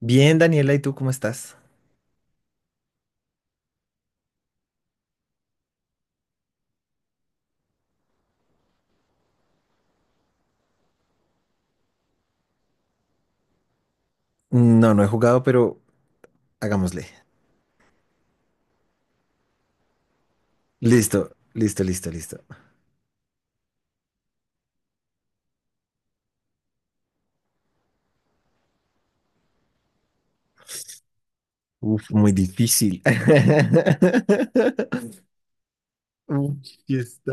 Bien, Daniela, ¿y tú cómo estás? No, no he jugado, pero hagámosle. Listo, listo, listo, listo. Uf, muy difícil. Uy, sí está.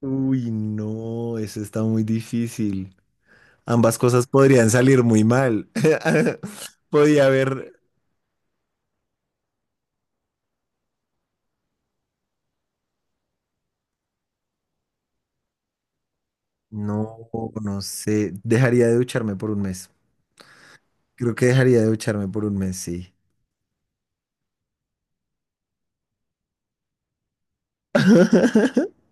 Uy, no, eso está muy difícil. Ambas cosas podrían salir muy mal. Podía haber. No, no sé. Dejaría de ducharme por un mes. Creo que dejaría de ducharme por un mes, sí.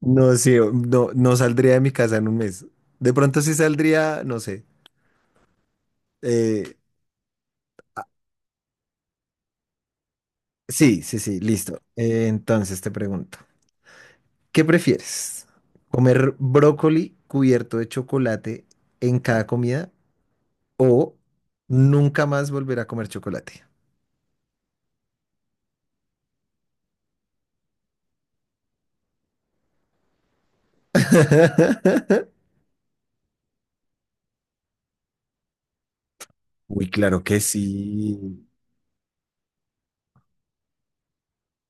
No, sí, no, no saldría de mi casa en un mes. De pronto sí saldría, no sé. Eh, sí, sí, sí, listo. Entonces te pregunto, ¿qué prefieres? ¿Comer brócoli cubierto de chocolate en cada comida o nunca más volver a comer chocolate? Uy, claro que sí.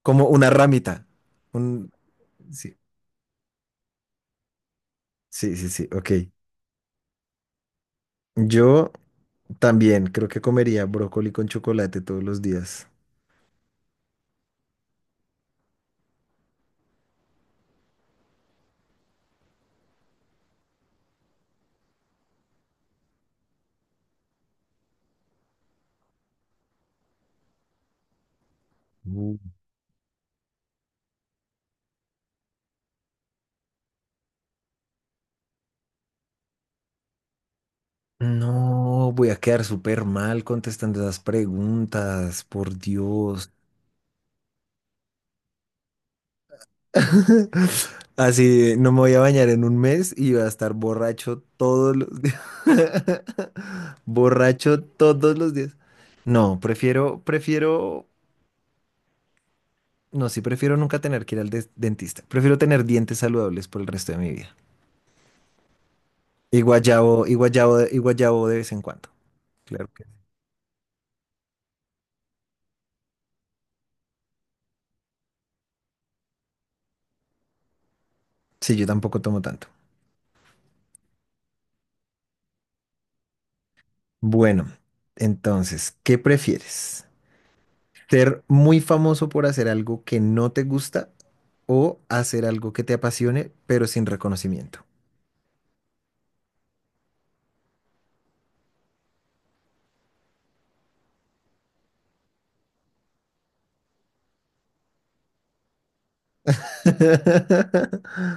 Como una ramita. Un. Sí, sí, sí, sí, ok. Yo también creo que comería brócoli con chocolate todos los días. Uh, No, voy a quedar súper mal contestando esas preguntas, por Dios. Así no me voy a bañar en un mes y voy a estar borracho todos los días. Borracho todos los días. No, prefiero, no, sí, prefiero nunca tener que ir al dentista. Prefiero tener dientes saludables por el resto de mi vida. Y guayabo, y guayabo, y guayabo de vez en cuando. Claro que sí. Sí, yo tampoco tomo tanto. Bueno, entonces, ¿qué prefieres? ¿Ser muy famoso por hacer algo que no te gusta o hacer algo que te apasione pero sin reconocimiento?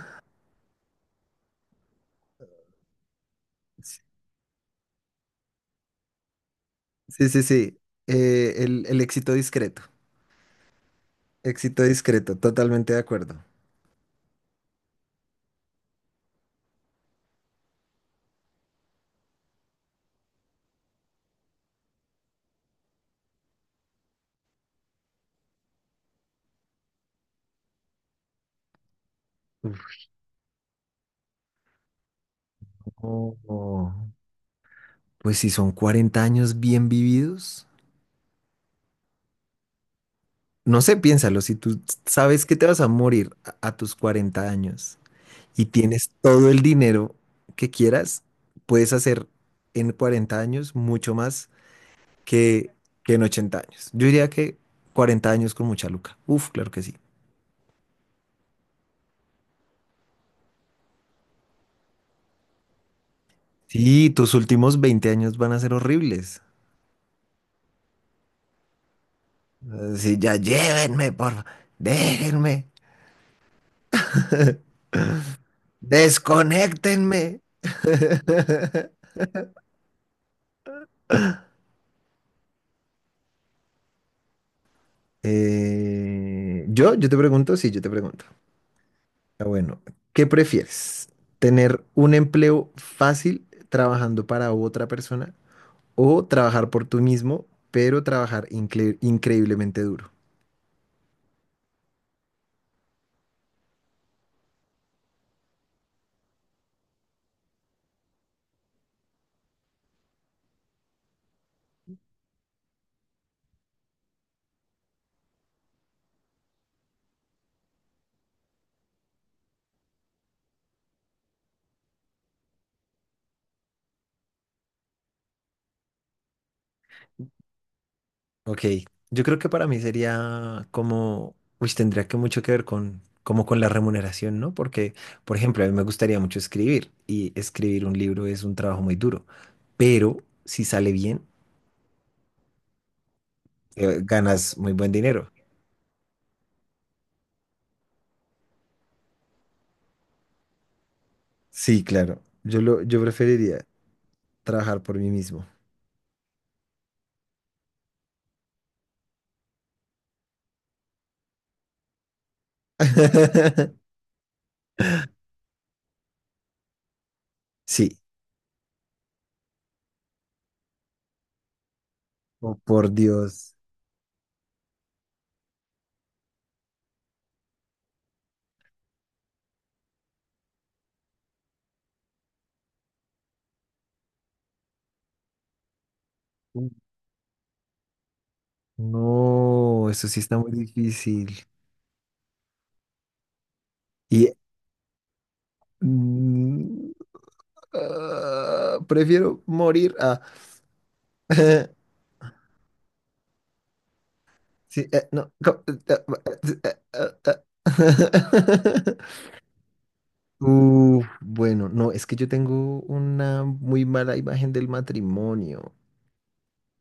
Sí, sí, sí. El éxito discreto. Éxito discreto, totalmente de acuerdo. Uf, no, no. Pues si son 40 años bien vividos, no sé, piénsalo, si tú sabes que te vas a morir a tus 40 años. Y tienes todo el dinero que quieras, puedes hacer en 40 años mucho más que, que en 80 años. Yo diría que 40 años con mucha luca. Uf, claro que sí. Sí, tus últimos 20 años van a ser horribles. Así, ya llévenme, por favor, déjenme, desconéctenme. Yo te pregunto, sí, yo te pregunto. Ah, bueno, ¿qué prefieres? ¿Tener un empleo fácil trabajando para otra persona o trabajar por tú mismo, pero trabajar increíblemente duro? Ok, yo creo que para mí sería como, uy, tendría que mucho que ver con, como con la remuneración, ¿no? Porque, por ejemplo, a mí me gustaría mucho escribir y escribir un libro es un trabajo muy duro, pero si sale bien, ganas muy buen dinero. Sí, claro, yo preferiría trabajar por mí mismo. Sí. Oh, por Dios. No, eso sí está muy difícil. Y mm, ah, prefiero morir a. Sí, no. Eh, eh, eh. Uf, bueno, no, es que yo tengo una muy mala imagen del matrimonio.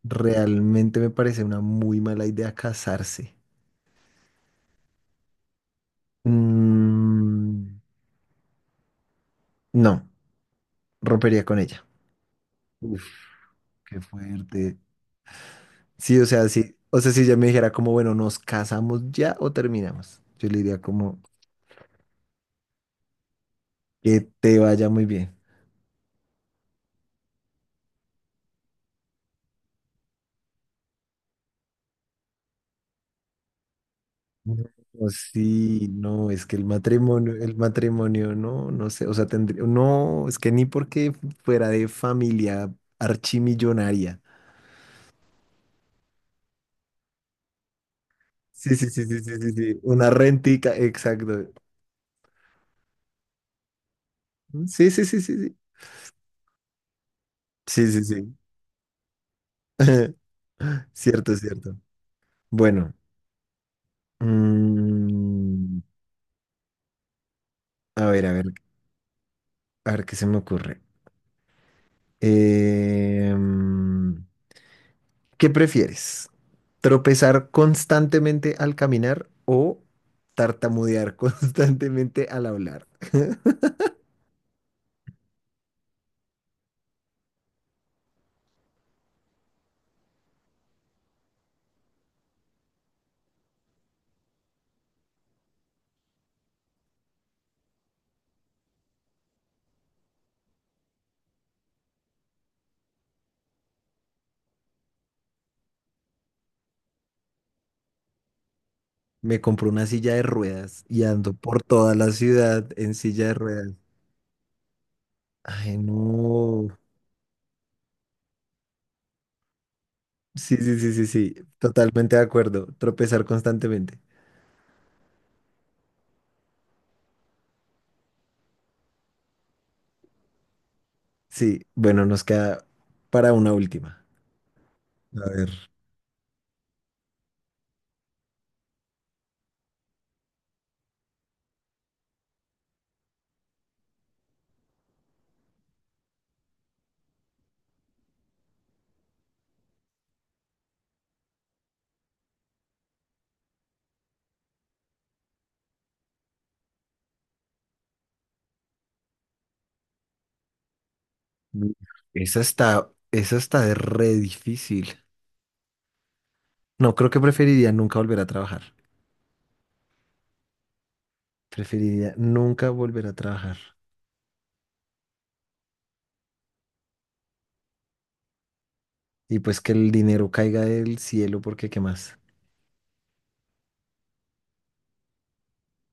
Realmente me parece una muy mala idea casarse. Mm, no, rompería con ella. Uf. Qué fuerte. Sí. O sea, si ella me dijera como, bueno, ¿nos casamos ya o terminamos? Yo le diría como, que te vaya muy bien. No, sí, no, es que el matrimonio, no, no sé, o sea, tendría, no, es que ni porque fuera de familia archimillonaria. Sí, sí, sí, sí, sí, sí, sí. Una rentica, exacto. Sí, sí, sí, sí, sí. Sí, sí, sí. Cierto, cierto. Bueno, mm, a ver, a ver, a ver qué se me ocurre. Em, ¿Qué prefieres? ¿Tropezar constantemente al caminar o tartamudear constantemente al hablar? Me compré una silla de ruedas y ando por toda la ciudad en silla de ruedas. Ay, no. Sí, sí, sí, sí, sí. Totalmente de acuerdo. Tropezar constantemente. Sí, bueno, nos queda para una última. A ver. Esa está de re difícil. No, creo que preferiría nunca volver a trabajar. Preferiría nunca volver a trabajar. Y pues que el dinero caiga del cielo porque qué más.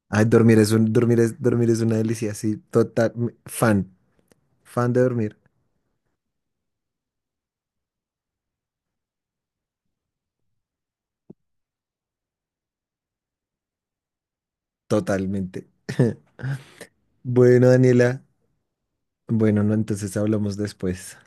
Ay, dormir es un, dormir es una delicia, sí, total, fan de dormir, totalmente. Bueno, Daniela, bueno, no, entonces hablamos después.